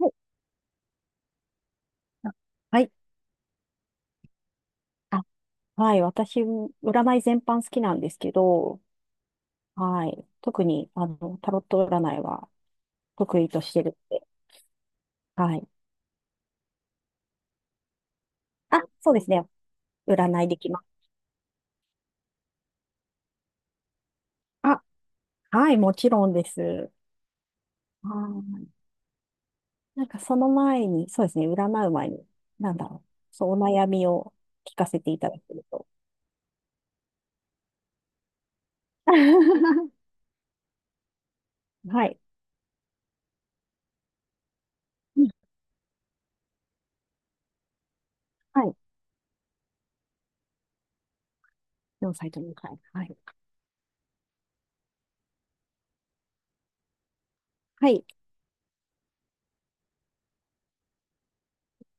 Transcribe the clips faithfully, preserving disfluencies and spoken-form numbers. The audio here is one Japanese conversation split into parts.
はいあはい。あ、はい。私、占い全般好きなんですけど、はい。特に、あの、タロット占いは得意としてるって。はい。あ、そうですね。占いできます。あ、はい。もちろんです。はい。なんかその前に、そうですね。占う前に、なんだろう。そう、お悩みを聞かせていただけると。はい。うん、はい。よんさいとにい、はい。はい。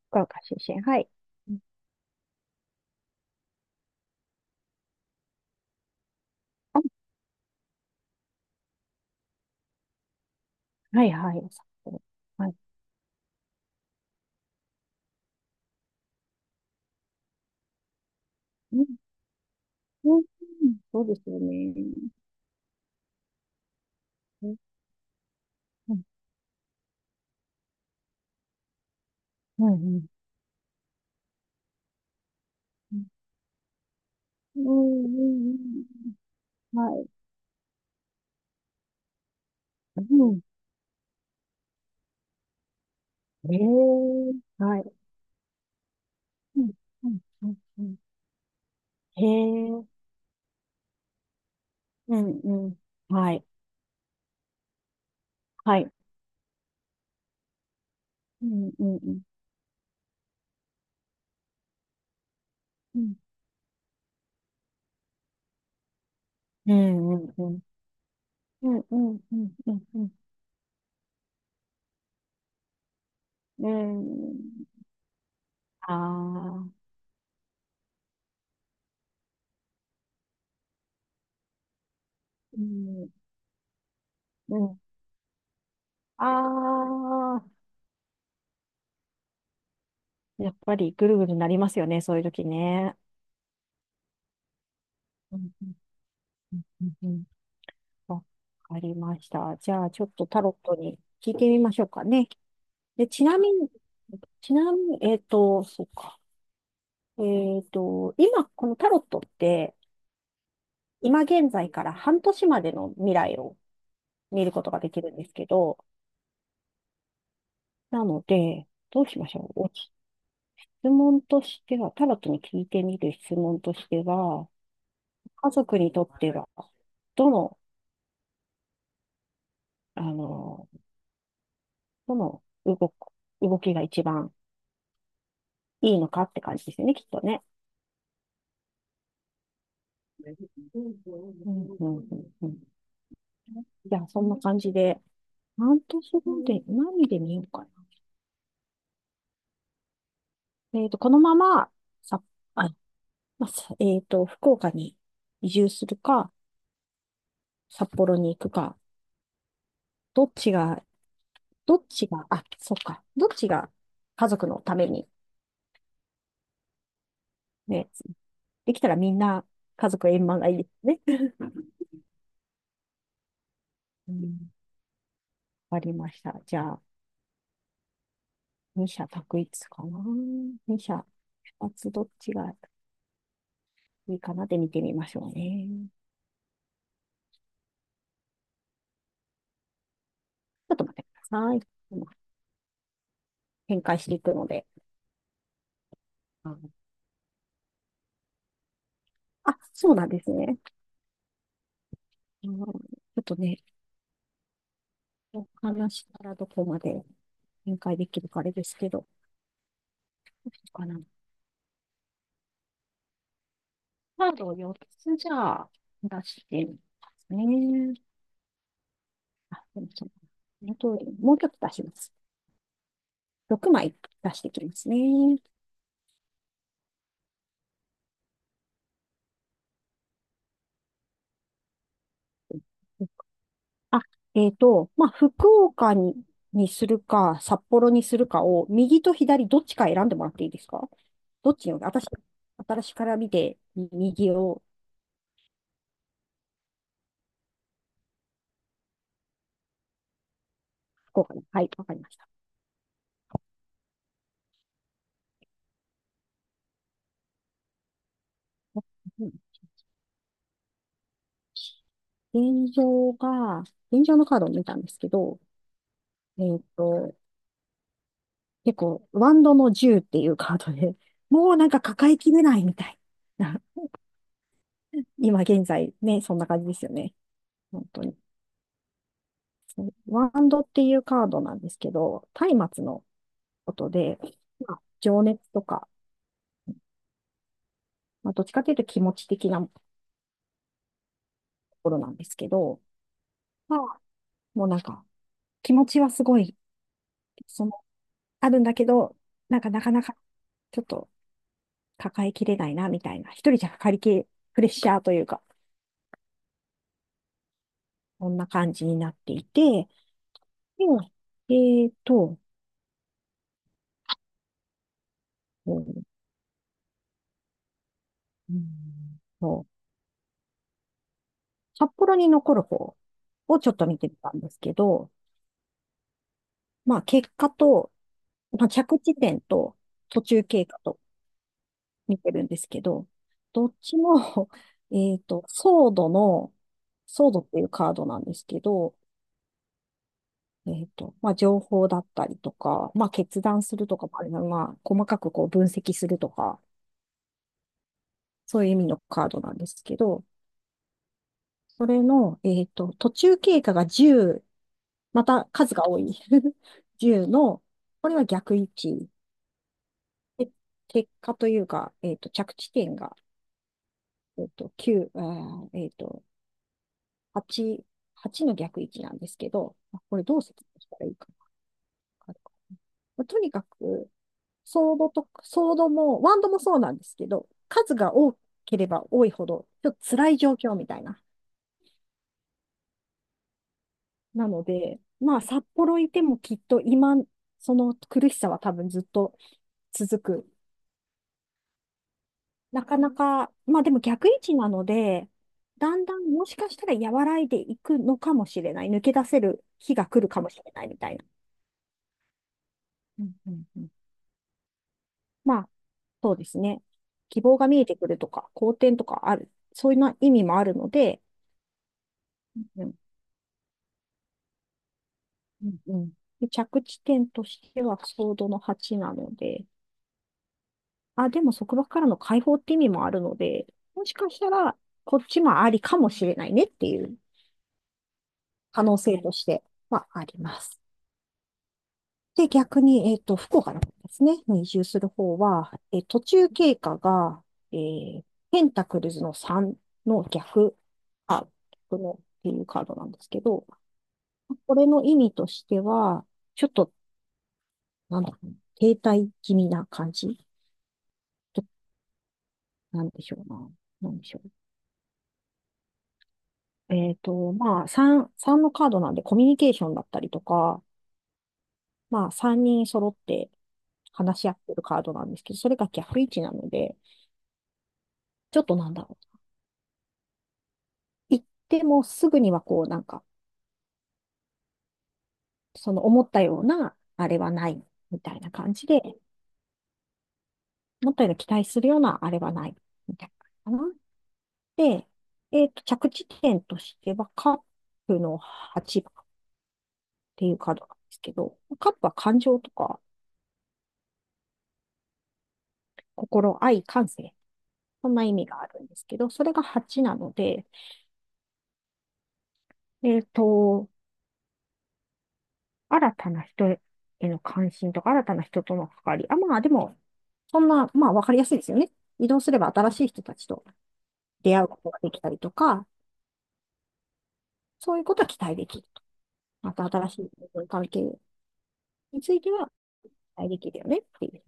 福岡出身。はい。うん、あ、はい、はい。はい。うん、そうですよね。うん。うんうんうんうんうんうん。はい。うん、へえ、はい。うんうんうんうん。へえ、うんうん。はい。はい。うん。うん。うん。うん。うんうんうん。うんうんうんうんうん。ーあー。うん。うん。あー、やっぱりぐるぐるなりますよね、そういう時ね。うんうんうんうんうん。わかりました。じゃあ、ちょっとタロットに聞いてみましょうかね。で、ちなみに、ちなみに、えっと、そうか。えっと、今、このタロットって、今現在から半年までの未来を見ることができるんですけど、なので、どうしましょう。お質問としては、タロットに聞いてみる質問としては、家族にとっては、どの、あの、どの動く、動きが一番いいのかって感じですよね、きっとね。うんうんうんうん。じゃあ、そんな感じで、半年後で、何で見ようかな。えっと、このまま、さ、あ、まあ、さえっと、福岡に移住するか、札幌に行くか、どっちが、どっちが、あ、そっか、どっちが家族のために、ね、できたらみんな家族円満がいいですね。うん。わかりました。じゃあ、二者択一かな。二者、二つどっちがいいかなで見てみましょうね。ちょっと待ってください。展開していくので。あのあ、そうなんですね。うん、ちょっとね、お話からどこまで展開できるかあれですけど、どうしようかな。カードをよっつじゃあ出してみますね。でもそうあと、もう一つ出します。ろくまい出してきますね。あ、えっと、まあ、福岡に、にするか、札幌にするかを、右と左どっちか選んでもらっていいですか？どっちに、私、私から見て、右をこうかな。はい、わかりました。うん、現状が、現状のカードを見たんですけど、えっと、結構、ワンドのじゅうっていうカードで、もうなんか抱えきれないみたいな。今現在ね、そんな感じですよね。本当に。ワンドっていうカードなんですけど、松明のことで、まあ、情熱とか、まあ、どっちかというと気持ち的なところなんですけど、まあ、もうなんか、気持ちはすごい、その、あるんだけど、なんかなかなか、ちょっと抱えきれないな、みたいな。一人じゃ抱りきれ、プレッシャーというか、こんな感じになっていて、で、えっと、うんうんと、札幌に残る方をちょっと見てみたんですけど、まあ結果と、まあ着地点と途中経過と見てるんですけど、どっちも、えっと、ソードの、ソードっていうカードなんですけど、えっと、まあ、情報だったりとか、まあ、決断するとかもあるな、まあ、細かくこう分析するとか、そういう意味のカードなんですけど、それの、えっと、途中経過がじゅう、また数が多いじゅう の、これは逆位置。で結果というか、えっと、着地点が、えっと、きゅう、あーえっと、はち、はちの逆位置なんですけど、これどう説明したらいいかな。とにかく、ソードと、ソードも、ワンドもそうなんですけど、数が多ければ多いほど、ちょっと辛い状況みたいな。なので、まあ、札幌いてもきっと今、その苦しさは多分ずっと続く。なかなか、まあでも逆位置なので、だんだんもしかしたら和らいでいくのかもしれない。抜け出せる日が来るかもしれないみたいな。うん。うんうん、まあ、そうですね。希望が見えてくるとか、好転とかある。そういうな意味もあるので、うんうんうん。で着地点としてはソードのはちなので、あ、でも束縛からの解放って意味もあるので、もしかしたらこっちもありかもしれないねっていう可能性としてはあります。で、逆に、えっと、福岡の方ですね、に移住する方は、えー途中経過が、えーペンタクルズのさんの逆、あ、逆のっていうカードなんですけど、これの意味としては、ちょっと、なんだろう、停滞気味な感じ。なんでしょうな。なんでしょう。えっと、まあ、さん、さんのカードなんでコミュニケーションだったりとか、まあ、さんにん揃って話し合ってるカードなんですけど、それが逆位置なので、ちょっとなんだろう。行ってもすぐにはこう、なんか、その思ったような、あれはない、みたいな感じで、思ったような期待するような、あれはない、みたいなのかな。で、えっと、着地点としては、カップのはちばんっていうカードなんですけど、カップは感情とか、心、愛、感性、そんな意味があるんですけど、それがはちなので、えっと、新たな人への関心とか、新たな人との関わり。あ、まあでも、そんな、まあわかりやすいですよね。移動すれば新しい人たちと出会うことができたりとか、そういうことは期待できると。また新しい関係については期待できるよねっていう。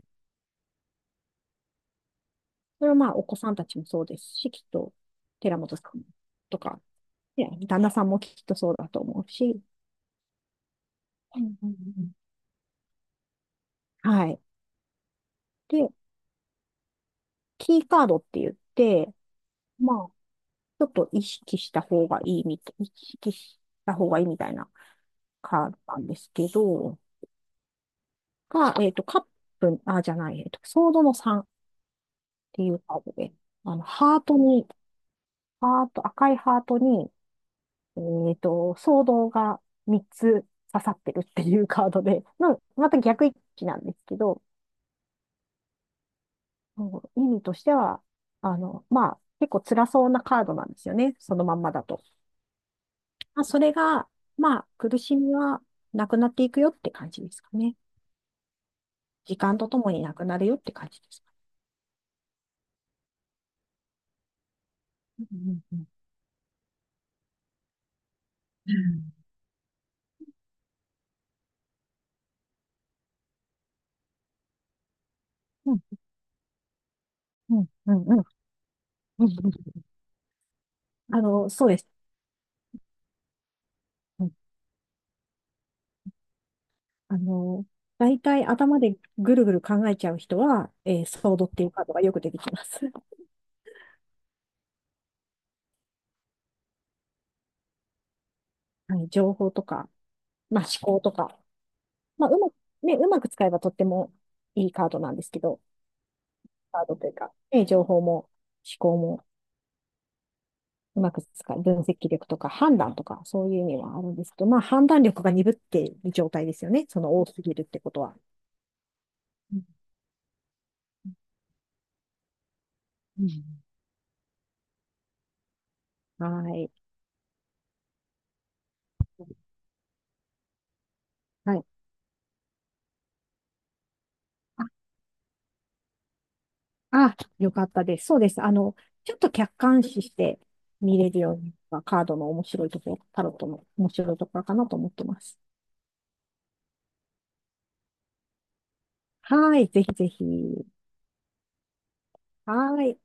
それはまあお子さんたちもそうですし、きっと寺本さんとか、ね、旦那さんもきっとそうだと思うし、はい。で、キーカードって言って、まあ、ちょっと意識した方がいいみたい、意識した方がいいみたいなカードなんですけど、が、えっと、カップ、あ、じゃない、えっと、ソードのさんっていうカードで、あの、ハートに、ハート、赤いハートに、えっと、ソードがみっつ刺さってるっていうカードで、の、また逆位置なんですけど、意味としては、あの、まあ、結構辛そうなカードなんですよね、そのまんまだと。まあ、それが、まあ、苦しみはなくなっていくよって感じですかね。時間とともになくなるよって感じですかね。うん。うんうんうんうんうんうんうんうんあの、そうです。うんあの、大体頭でぐるぐる考えちゃう人は、えー、ソードっていうカードがよく出てきます。はい、情報とか、まあ、思考とか、まあ、うまく、ね、うまく使えばとってもいいカードなんですけど、カードというか、ね、情報も思考もうまく使う、分析力とか判断とか、そういう意味はあるんですけど、まあ判断力が鈍っている状態ですよね。その多すぎるってことは。うん。うんはい。はい。あ、あ、よかったです。そうです。あの、ちょっと客観視して見れるようになカードの面白いところ、タロットの面白いところかなと思ってます。はい。ぜひぜひ。はい。